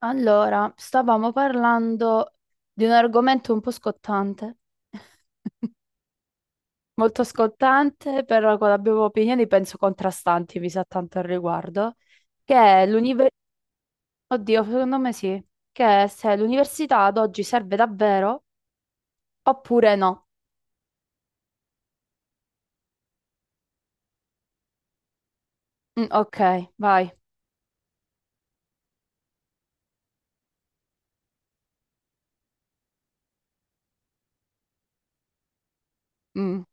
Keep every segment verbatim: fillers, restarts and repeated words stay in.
Allora, stavamo parlando di un argomento un po' scottante, molto scottante, però con- abbiamo opinioni penso contrastanti, mi sa tanto al riguardo, che è l'università. Oddio, secondo me sì, che è se l'università ad oggi serve davvero oppure no. Mm, ok, vai. Mm,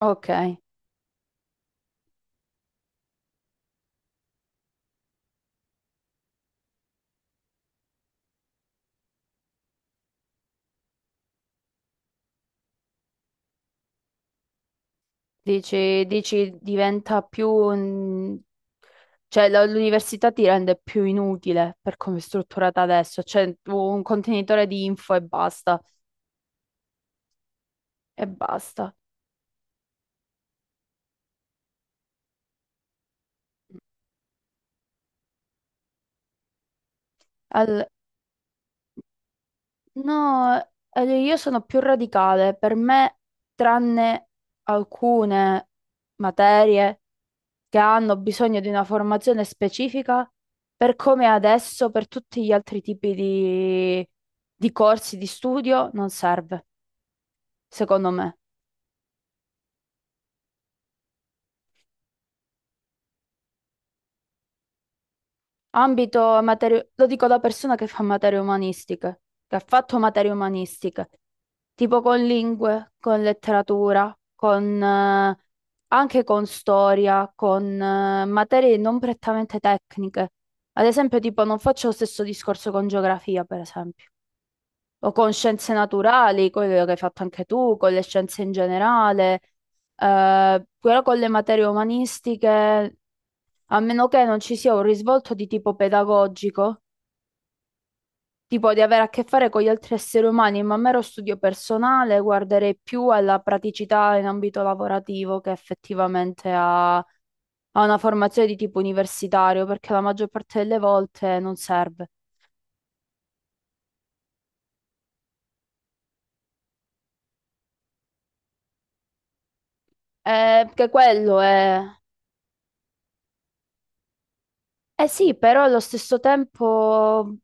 ok. Dici, dici diventa più... mm, cioè, la- l'università ti rende più inutile per come è strutturata adesso. Cioè, un contenitore di info e basta. E basta. Al- No, eh, io sono più radicale. Per me, tranne alcune materie che hanno bisogno di una formazione specifica, per come è adesso, per tutti gli altri tipi di, di corsi di studio, non serve. Secondo me. Ambito materie, lo dico da persona che fa materie umanistiche, che ha fatto materie umanistiche, tipo con lingue, con letteratura, con, eh, anche con storia, con, eh, materie non prettamente tecniche. Ad esempio, tipo, non faccio lo stesso discorso con geografia, per esempio, o con scienze naturali, quello che hai fatto anche tu, con le scienze in generale, eh, però con le materie umanistiche. A meno che non ci sia un risvolto di tipo pedagogico, tipo di avere a che fare con gli altri esseri umani, ma a mero studio personale guarderei più alla praticità in ambito lavorativo che effettivamente a, a una formazione di tipo universitario, perché la maggior parte delle volte non serve. Eh, che quello è... Eh sì, però allo stesso tempo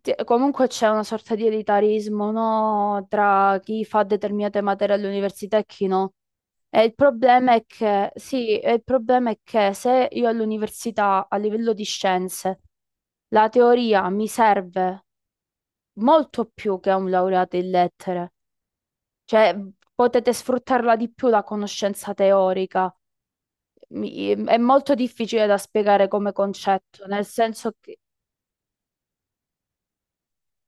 ti- comunque c'è una sorta di elitarismo, no? Tra chi fa determinate materie all'università e chi no. E il problema è che, sì, e il problema è che se io all'università, a livello di scienze, la teoria mi serve molto più che a un laureato in lettere, cioè potete sfruttarla di più la conoscenza teorica. Mi- è molto difficile da spiegare come concetto, nel senso che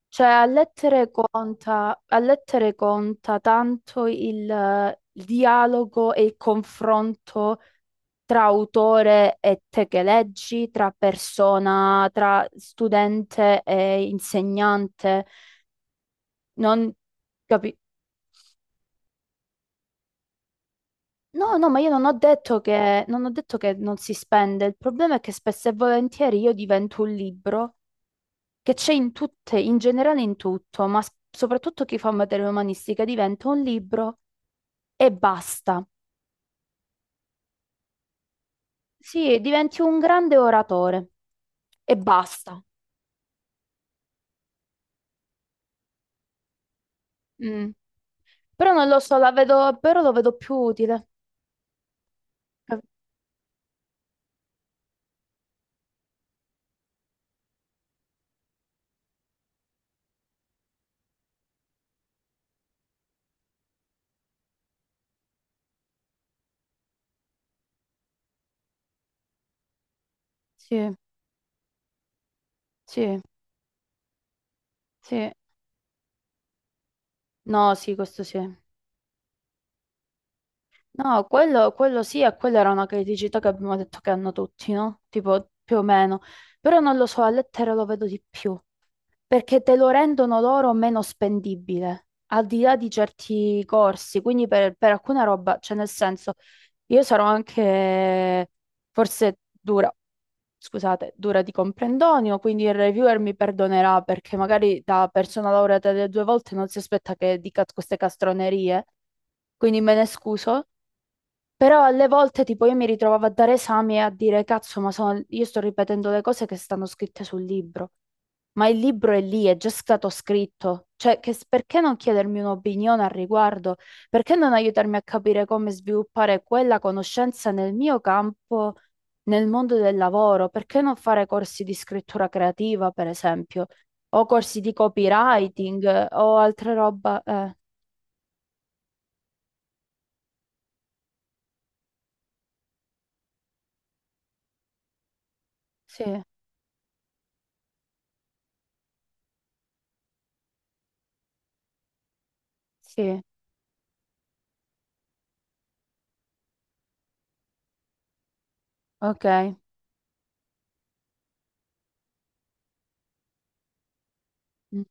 cioè, a lettere conta, a lettere conta tanto il il dialogo e il confronto tra autore e te che leggi, tra persona, tra studente e insegnante. Non capi- no, no, ma io non ho detto che, non ho detto che non si spende. Il problema è che spesso e volentieri io divento un libro che c'è in tutte, in generale in tutto, ma s- soprattutto chi fa materia umanistica diventa un libro e basta. Sì, diventi un grande oratore e basta. Mm. Però non lo so, la vedo, però lo vedo più utile. Sì, sì, sì. No, sì, questo sì. No, quello, quello sì, e quella era una criticità che abbiamo detto che hanno tutti, no? Tipo, più o meno. Però non lo so, a lettere lo vedo di più, perché te lo rendono loro meno spendibile, al di là di certi corsi. Quindi per, per alcuna roba, cioè nel senso, io sarò anche forse dura, scusate, dura di comprendonio, quindi il reviewer mi perdonerà perché magari da persona laureata delle due volte non si aspetta che dica queste castronerie, quindi me ne scuso. Però alle volte tipo io mi ritrovavo a dare esami e a dire cazzo, ma sono- io sto ripetendo le cose che stanno scritte sul libro. Ma il libro è lì, è già stato scritto. Cioè, che- perché non chiedermi un'opinione al riguardo? Perché non aiutarmi a capire come sviluppare quella conoscenza nel mio campo, nel mondo del lavoro? Perché non fare corsi di scrittura creativa, per esempio? O corsi di copywriting eh, o altre roba? Eh, sì, sì, ok. Mm,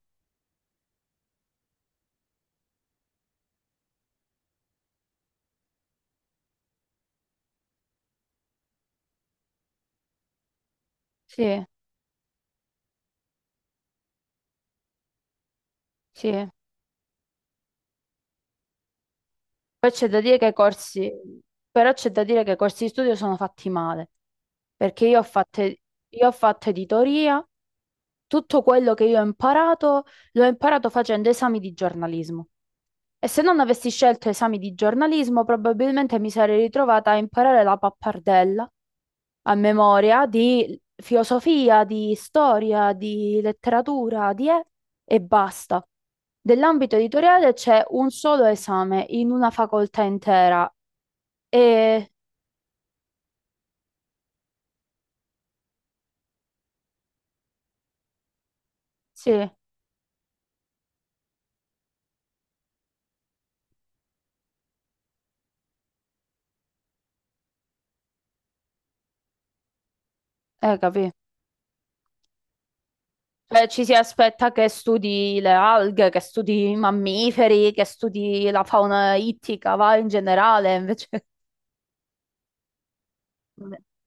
sì, sì. Poi c'è da dire che i corsi, però c'è da dire che i corsi di studio sono fatti male, perché io ho fatto, io ho fatto editoria, tutto quello che io ho imparato l'ho imparato facendo esami di giornalismo. E se non avessi scelto esami di giornalismo, probabilmente mi sarei ritrovata a imparare la pappardella a memoria di filosofia, di storia, di letteratura, di e, e basta. Dell'ambito editoriale c'è un solo esame in una facoltà intera e sì, eh, capì. Cioè, ci si aspetta che studi le alghe, che studi i mammiferi, che studi la fauna ittica, va in generale, invece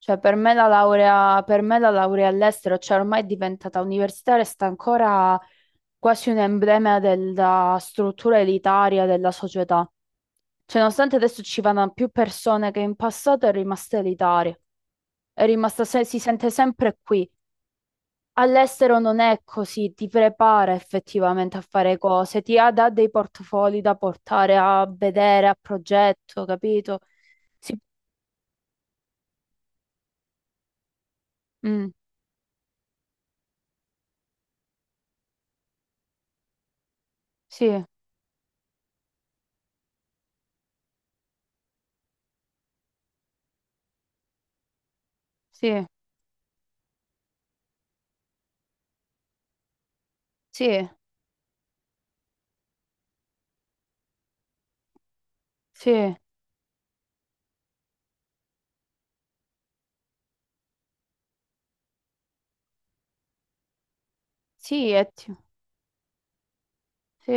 cioè, per me la laurea, per me la laurea all'estero, cioè ormai è diventata universitaria e sta ancora quasi un emblema della struttura elitaria della società. Cioè, nonostante adesso ci vadano più persone che in passato, è rimasta elitaria. È rimasta, se- si sente sempre qui. All'estero non è così, ti prepara effettivamente a fare cose, ti ha- dà dei portfoli da portare a vedere, a progetto, capito? Sì, mm, sì, sì, sì, sì. Sì, è ti- sì,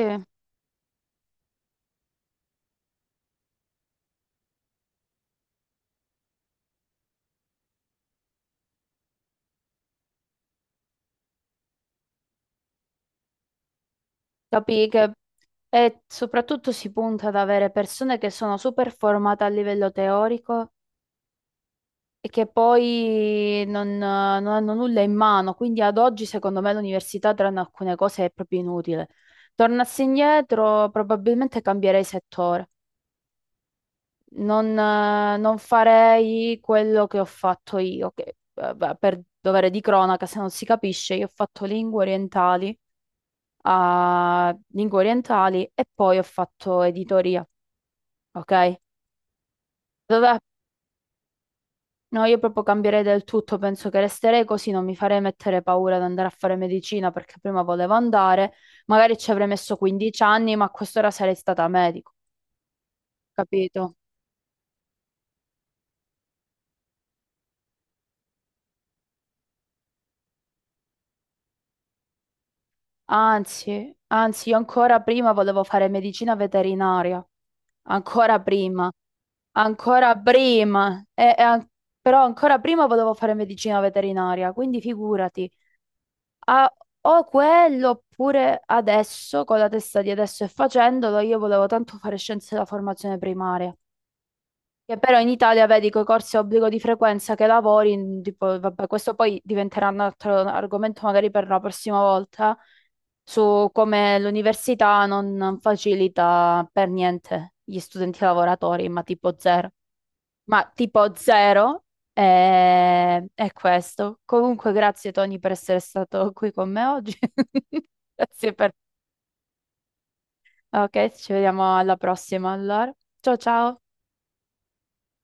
capì che e soprattutto si punta ad avere persone che sono super formate a livello teorico e che poi non, eh, non hanno nulla in mano, quindi ad oggi secondo me l'università tranne alcune cose è proprio inutile. Tornassi indietro probabilmente cambierei settore, non, eh, non farei quello che ho fatto io, che eh, beh, per dovere di cronaca, se non si capisce, io ho fatto lingue orientali a lingue orientali e poi ho fatto editoria, ok? Dov'è? No, io proprio cambierei del tutto, penso che resterei così, non mi farei mettere paura ad andare a fare medicina perché prima volevo andare, magari ci avrei messo quindici anni, ma a quest'ora sarei stata medico, capito? Anzi, anzi, io ancora prima volevo fare medicina veterinaria, ancora prima. Ancora prima, e- e an- però ancora prima volevo fare medicina veterinaria, quindi figurati. Ah, o quello, oppure adesso, con la testa di adesso e facendolo, io volevo tanto fare scienze della formazione primaria. Che però in Italia, vedi, con i corsi a obbligo di frequenza che lavori, in- tipo, vabbè, questo poi diventerà un altro argomento magari per la prossima volta, su come l'università non non facilita per niente gli studenti lavoratori, ma tipo zero. Ma tipo zero è, è questo. Comunque, grazie Tony per essere stato qui con me oggi. Grazie per... Ok, ci vediamo alla prossima allora. Ciao ciao.